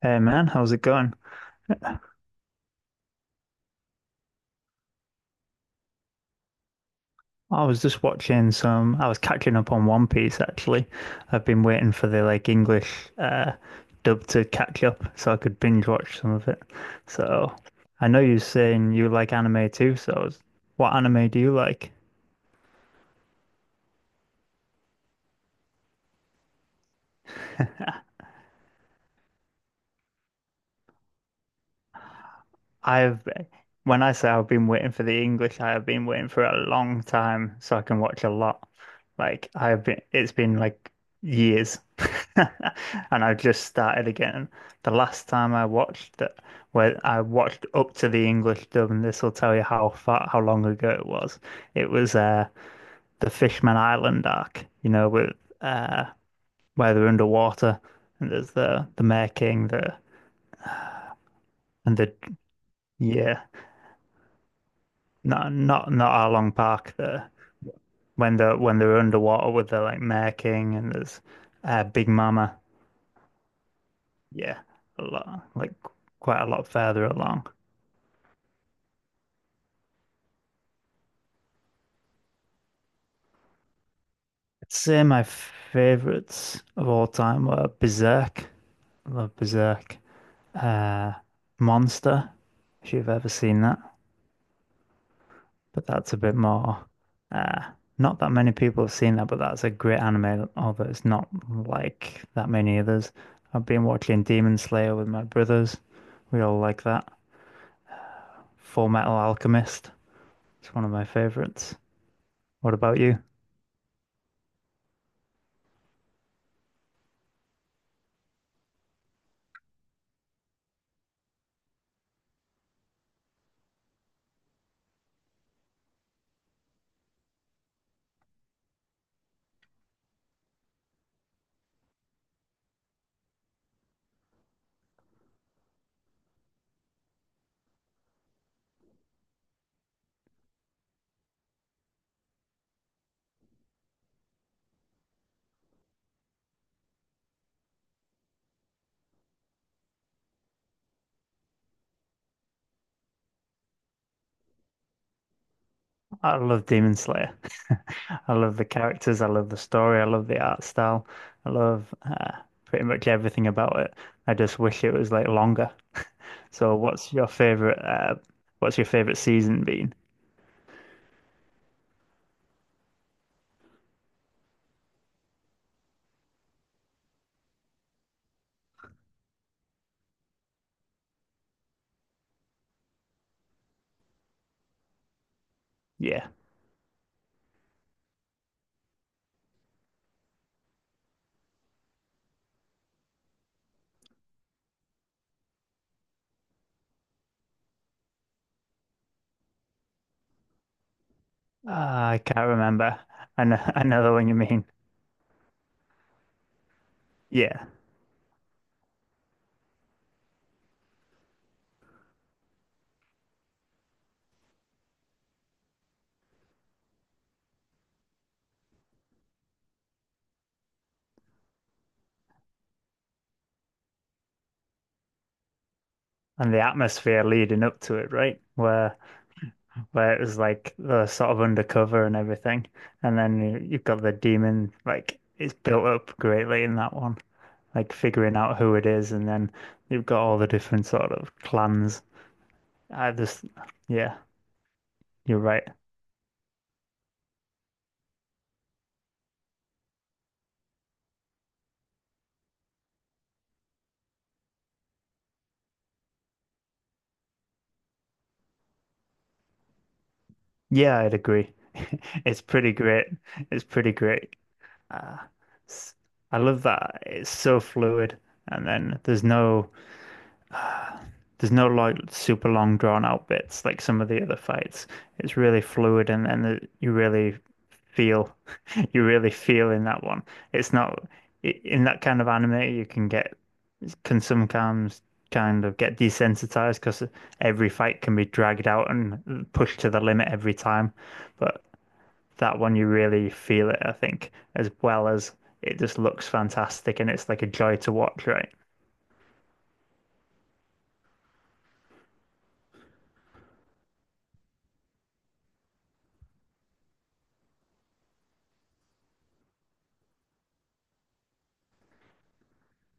Hey man, how's it going? I was just watching some, I was catching up on One Piece actually. I've been waiting for the like English dub to catch up so I could binge watch some of it. So I know you're saying you like anime too, so what anime do you like? I have, when I say I've been waiting for the English, I have been waiting for a long time so I can watch a lot. Like I have been, it's been like years, and I've just started again. The last time I watched that, where I watched up to the English dub, and this will tell you how far, how long ago it was. It was the Fishman Island arc, you know, with uh where they're underwater and there's the Mer King, the and the yeah. Not Arlong Park there. When they're underwater with the like Mare King and there's Big Mama. Yeah, a lot like quite a lot further along. I'd say my favorites of all time were Berserk. I love Berserk. Uh, Monster, if you've ever seen that. But that's a bit more. Uh, Not that many people have seen that, but that's a great anime, although it's not like that many others. I've been watching Demon Slayer with my brothers. We all like that. Full Metal Alchemist. It's one of my favorites. What about you? I love Demon Slayer. I love the characters. I love the story. I love the art style. I love pretty much everything about it. I just wish it was like longer. So, what's your favorite? What's your favorite season been? Yeah. Ah, I can't remember. I know the one you mean. Yeah. And the atmosphere leading up to it, right? Where it was like the sort of undercover and everything. And then you've got the demon, like it's built up greatly in that one. Like figuring out who it is and then you've got all the different sort of clans. I just yeah, you're right. Yeah, I'd agree. It's pretty great. It's pretty great. Uh, s- I love that. It's so fluid. And then there's no like super long drawn out bits like some of the other fights. It's really fluid and you really feel you really feel in that one. It's not in that kind of anime you can get can sometimes kind of get desensitized because every fight can be dragged out and pushed to the limit every time. But that one you really feel it, I think, as well as it just looks fantastic and it's like a joy to watch, right?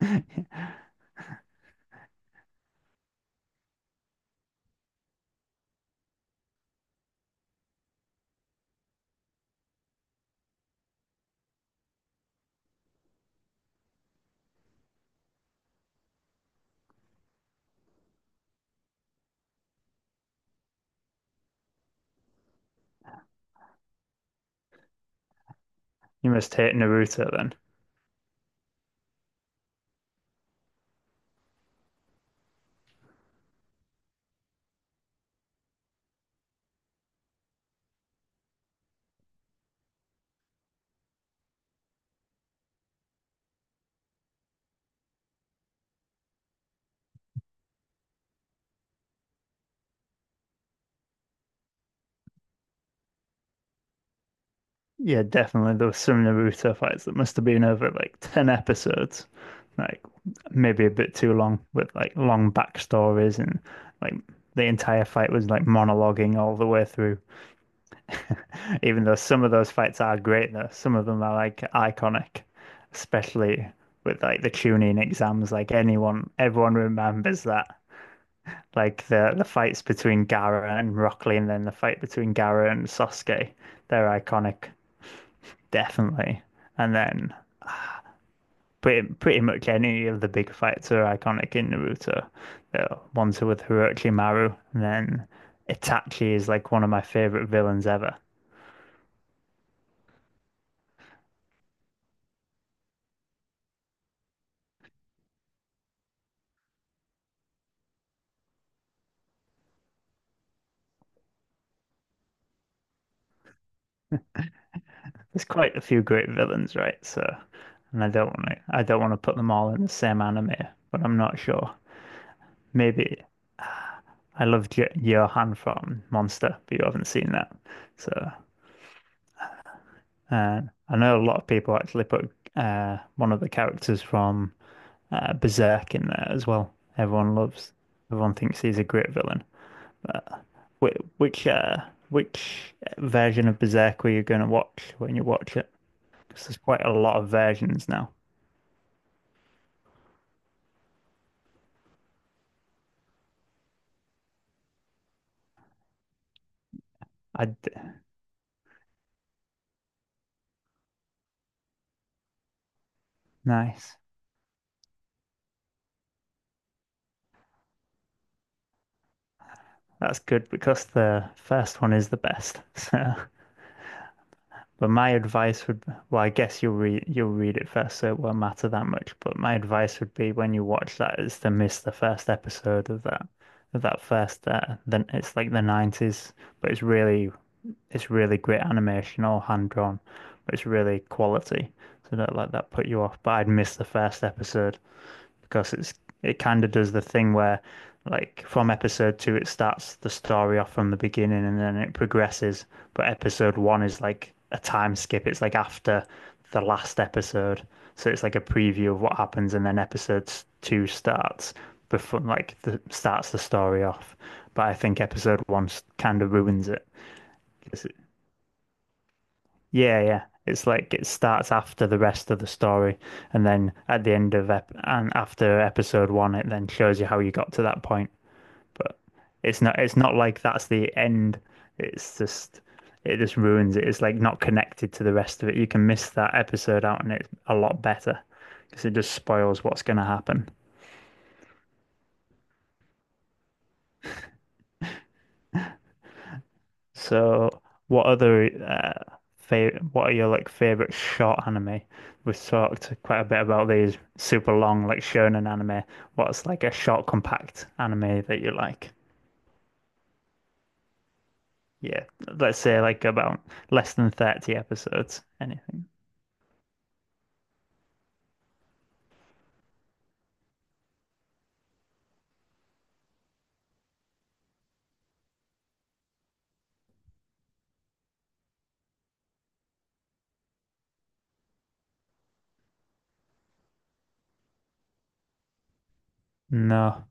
You must hate Naruto then. Yeah, definitely. There was some Naruto fights that must have been over like 10 episodes, like maybe a bit too long, with like long backstories and like the entire fight was like monologuing all the way through. Even though some of those fights are great, though, some of them are like iconic, especially with like the tuning exams. Like anyone, everyone remembers that. Like the fights between Gaara and Rock Lee, and then the fight between Gaara and Sasuke, they're iconic, definitely. And then pretty much any of the big fights are iconic in Naruto. The ones with Orochimaru, and then Itachi is like one of my favorite villains ever. There's quite a few great villains, right? So, and I don't want to put them all in the same anime, but I'm not sure. Maybe I loved Johan from Monster, but you haven't seen that, so. Uh, I know a lot of people actually put one of the characters from Berserk in there as well. Everyone loves. Everyone thinks he's a great villain. Which which, uh, which version of Berserk were you going to watch when you watch it? Because there's quite a lot of versions now. I d- Nice. That's good because the first one is the best. So, but my advice would, well, I guess you'll read it first, so it won't matter that much. But my advice would be when you watch that is to miss the first episode of that first then it's like the 90s, but it's really great animation, all hand drawn, but it's really quality. So don't let that put you off. But I'd miss the first episode because it's it kind of does the thing where like from episode two it starts the story off from the beginning and then it progresses. But episode one is like a time skip. It's like after the last episode. So it's like a preview of what happens and then episode two starts before like the starts the story off. But I think episode one kind of ruins it. It's, yeah, yeah. It's like it starts after the rest of the story, and then at the end of ep and after episode one, it then shows you how you got to that point. But it's not like that's the end. It's just it just ruins it. It's like not connected to the rest of it. You can miss that episode out, and it's a lot better because it just spoils what's going to happen. So, what other favorite? What are your like favorite short anime? We've talked quite a bit about these super long like shonen anime. What's like a short, compact anime that you like? Yeah, let's say like about less than 30 episodes. Anything? No.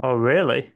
Oh, really?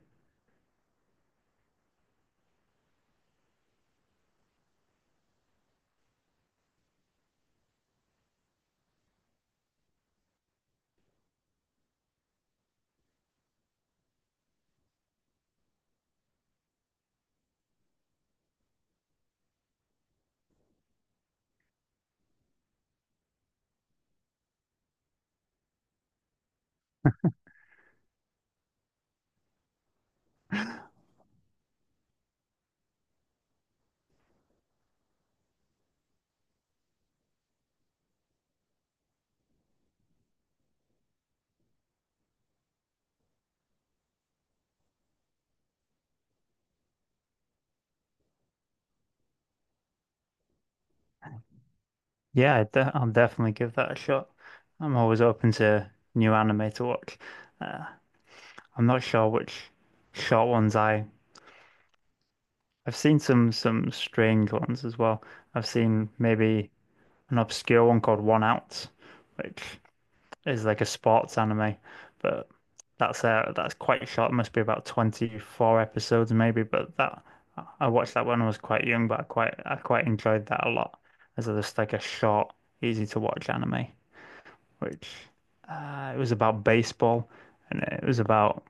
I'll definitely give that a shot. I'm always open to new anime to watch. Uh, I'm not sure which short ones I've seen some strange ones as well. I've seen maybe an obscure one called One Out, which is like a sports anime, but that's quite short. It must be about 24 episodes maybe, but that I watched that when I was quite young, but I quite enjoyed that a lot as just like a short, easy to watch anime, which it was about baseball and it was about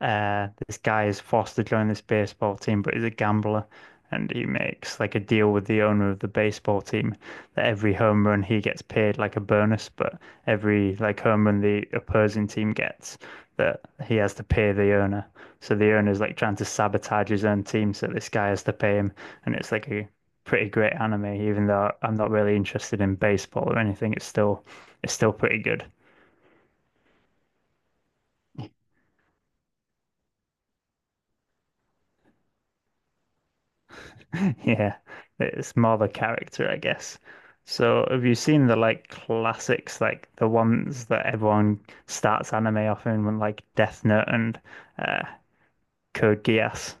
this guy is forced to join this baseball team, but he's a gambler. And he makes like a deal with the owner of the baseball team that every home run he gets paid like a bonus, but every like home run the opposing team gets that he has to pay the owner. So the owner's like trying to sabotage his own team, so this guy has to pay him. And it's like a pretty great anime, even though I'm not really interested in baseball or anything, it's still pretty good. Yeah, it's more the character, I guess. So, have you seen the like classics, like the ones that everyone starts anime off in, when, like Death Note and uh, Code Geass?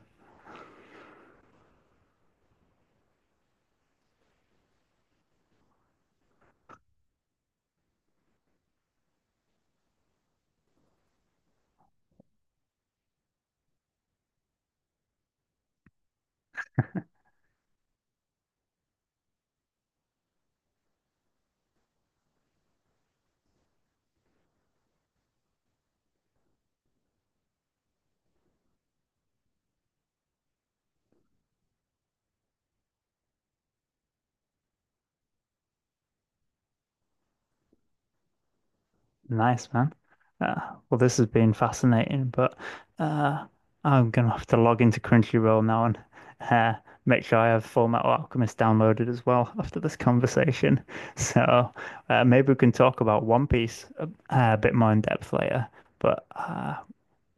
Nice, man. Uh, well, this has been fascinating, but uh, I'm gonna have to log into Crunchyroll now and uh, make sure I have Full Metal Alchemist downloaded as well after this conversation. So, maybe we can talk about One Piece a bit more in depth later. But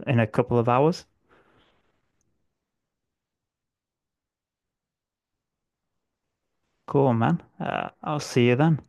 in a couple of hours. Cool, man. I'll see you then.